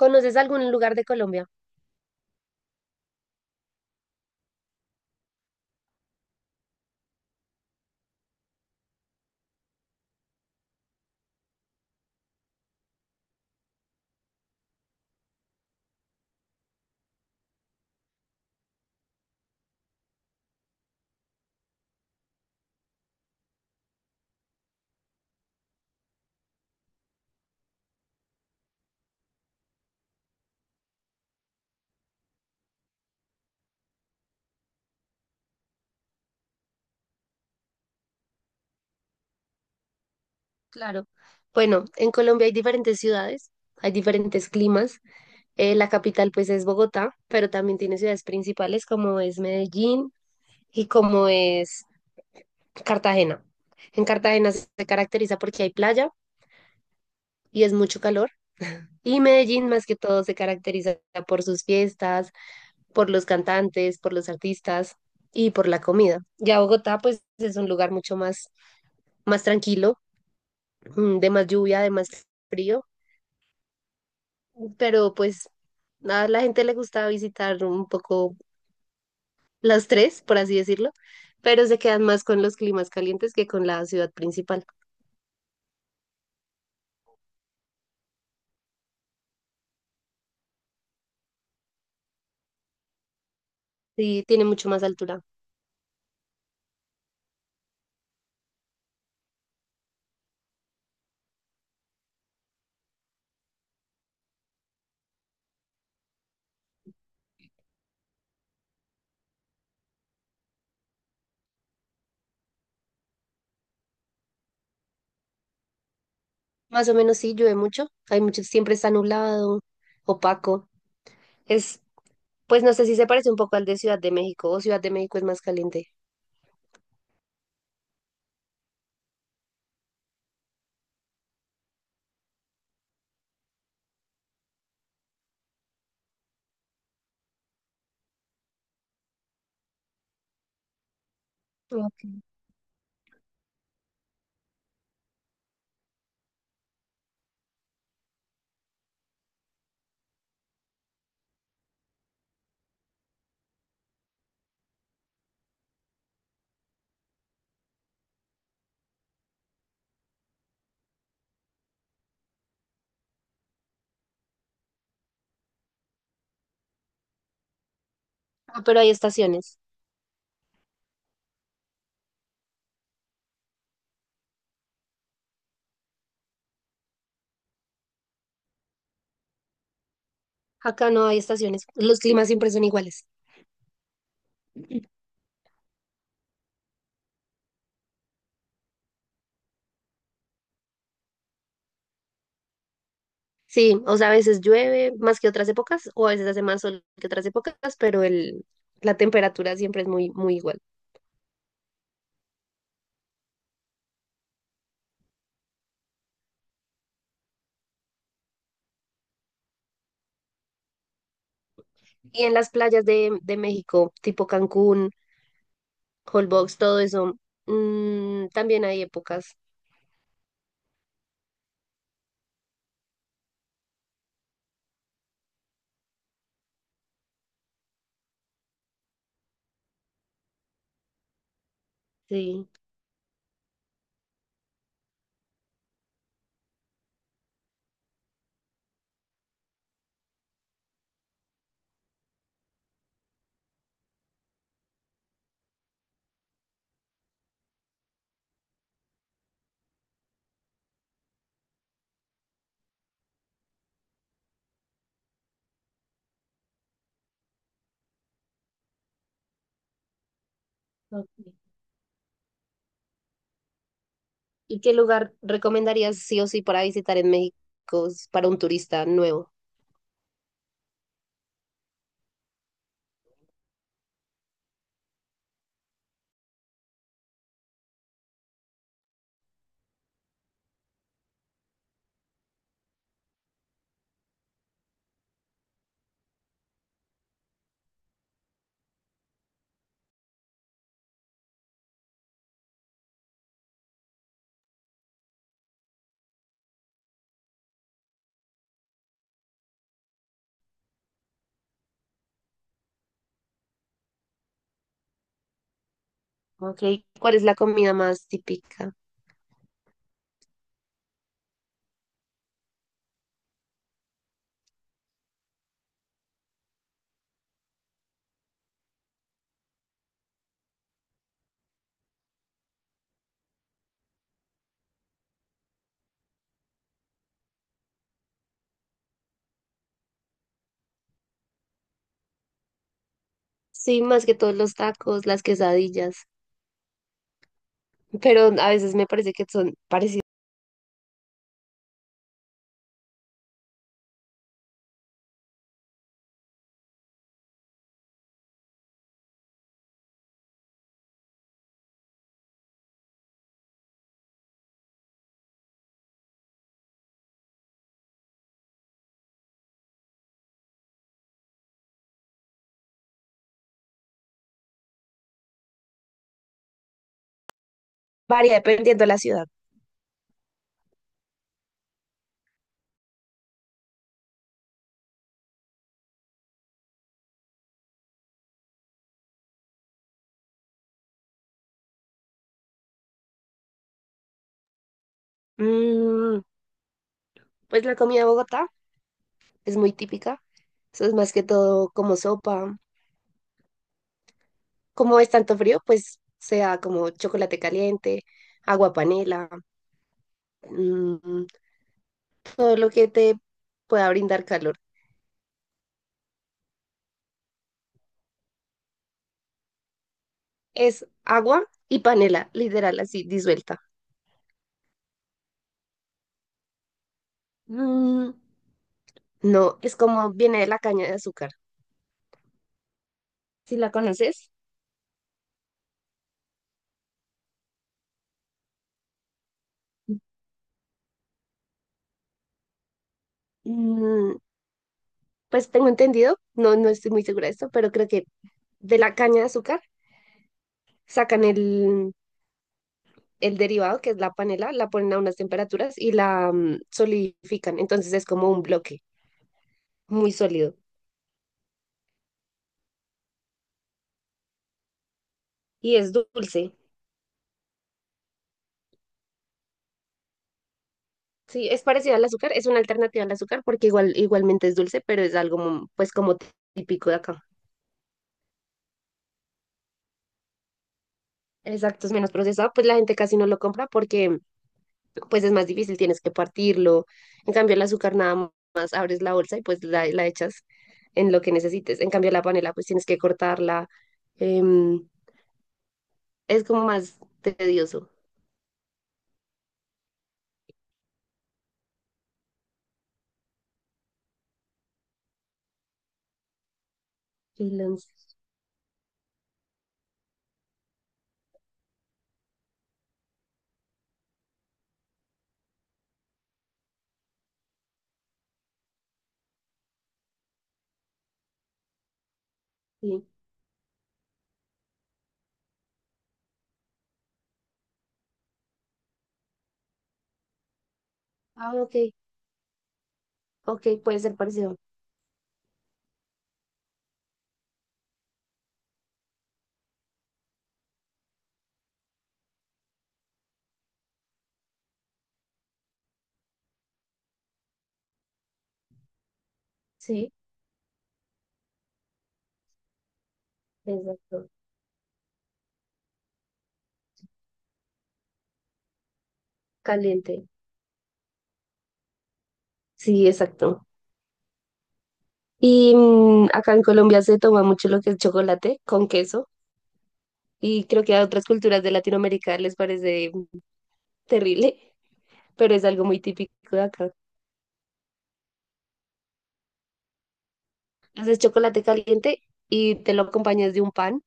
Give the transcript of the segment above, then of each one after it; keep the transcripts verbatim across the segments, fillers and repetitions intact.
¿Conoces algún lugar de Colombia? Claro. Bueno, en Colombia hay diferentes ciudades, hay diferentes climas. Eh, la capital pues es Bogotá, pero también tiene ciudades principales como es Medellín y como es Cartagena. En Cartagena se caracteriza porque hay playa y es mucho calor. Y Medellín más que todo se caracteriza por sus fiestas, por los cantantes, por los artistas y por la comida. Ya Bogotá pues es un lugar mucho más, más tranquilo, mm, de más lluvia, de más frío, pero pues a la gente le gusta visitar un poco las tres, por así decirlo, pero se quedan más con los climas calientes que con la ciudad principal. Sí, tiene mucho más altura. Más o menos sí, llueve mucho. Hay mucho, siempre está nublado, opaco. Es, pues no sé si se parece un poco al de Ciudad de México o Ciudad de México es más caliente. Ok. Ah, pero hay estaciones. Acá no hay estaciones. Los climas siempre son iguales. Sí, o sea, a veces llueve más que otras épocas, o a veces hace más sol que otras épocas, pero el, la temperatura siempre es muy, muy igual. Y en las playas de, de México, tipo Cancún, Holbox, todo eso, mm, también hay épocas. Sí. Ok. ¿Y qué lugar recomendarías sí o sí para visitar en México s- para un turista nuevo? Okay. ¿Cuál es la comida más típica? Sí, más que todos los tacos, las quesadillas. Pero a veces me parece que son parecidas, varía dependiendo de la ciudad. Mm, pues la comida de Bogotá es muy típica, eso es más que todo como sopa. Como es tanto frío, pues sea como chocolate caliente, agua panela, mm, todo lo que te pueda brindar calor. Es agua y panela, literal, así disuelta. Mm, no, es como viene de la caña de azúcar. Si la conoces, mm, pues tengo entendido, no, no estoy muy segura de esto, pero creo que de la caña de azúcar sacan el, el derivado, que es la panela, la ponen a unas temperaturas y la, mm, solidifican. Entonces es como un bloque muy sólido y es dulce. Sí, es parecido al azúcar, es una alternativa al azúcar porque igual, igualmente es dulce, pero es algo, mm, pues como típico de acá. Exacto, es menos procesado, pues la gente casi no lo compra porque pues es más difícil, tienes que partirlo. En cambio, el azúcar nada más abres la bolsa y pues la, la echas en lo que necesites. En cambio, la panela pues tienes que cortarla. Em, es como más tedioso. Freelance, sí. Ah, ok, ok, puede ser parecido. Sí, exacto. Caliente. Sí, exacto. Y, mm, acá en Colombia se toma mucho lo que es chocolate con queso y creo que a otras culturas de Latinoamérica les parece terrible, pero es algo muy típico de acá. Haces chocolate caliente y te lo acompañas de un pan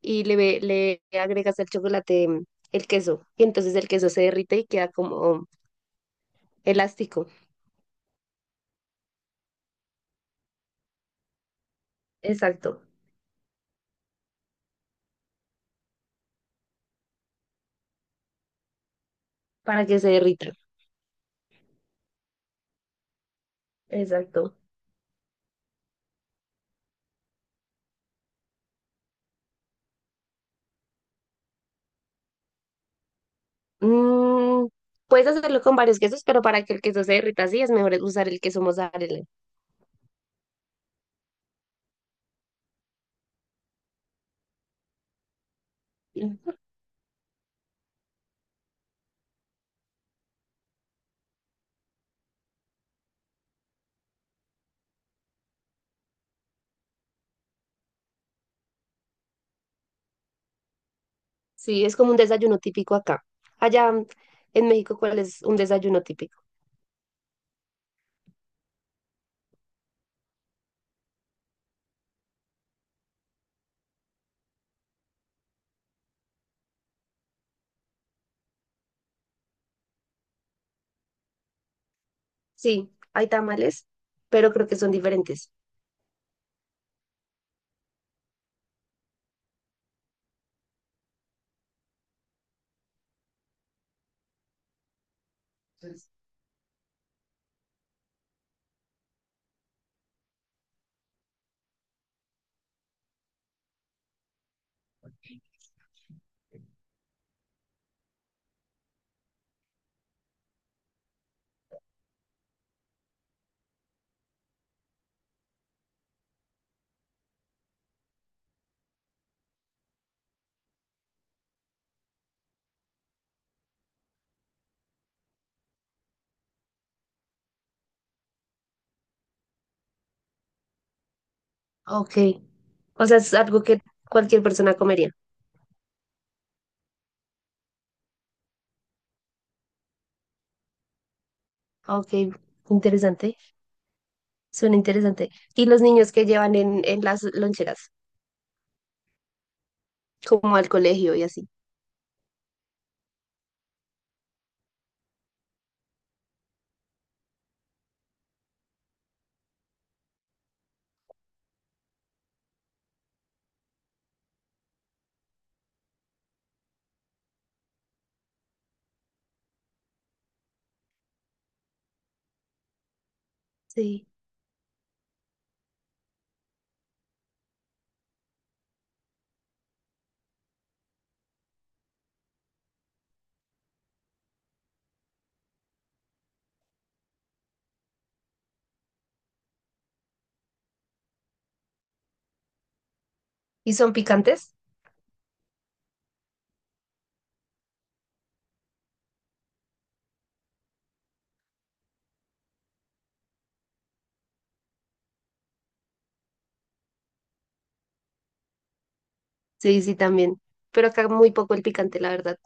y le, ve- le agregas al chocolate, mm, el queso. Y entonces el queso se derrite y queda como elástico. Exacto, para que se derrita. Exacto. Mm, puedes hacerlo con varios quesos, pero para que el queso se derrita así es mejor usar el queso mozzarella. Ujú. Sí, es como un desayuno típico acá. Allá, mm, en México, ¿cuál es un desayuno típico? Sí, hay tamales, pero creo que son diferentes. Ok. O sea, es algo que cualquier persona comería. Ok, interesante. Suena interesante. Y los niños que llevan en, en las loncheras, como al colegio y así. Sí. ¿Y son picantes? Sí, sí, también. Pero acá muy poco el picante, la verdad.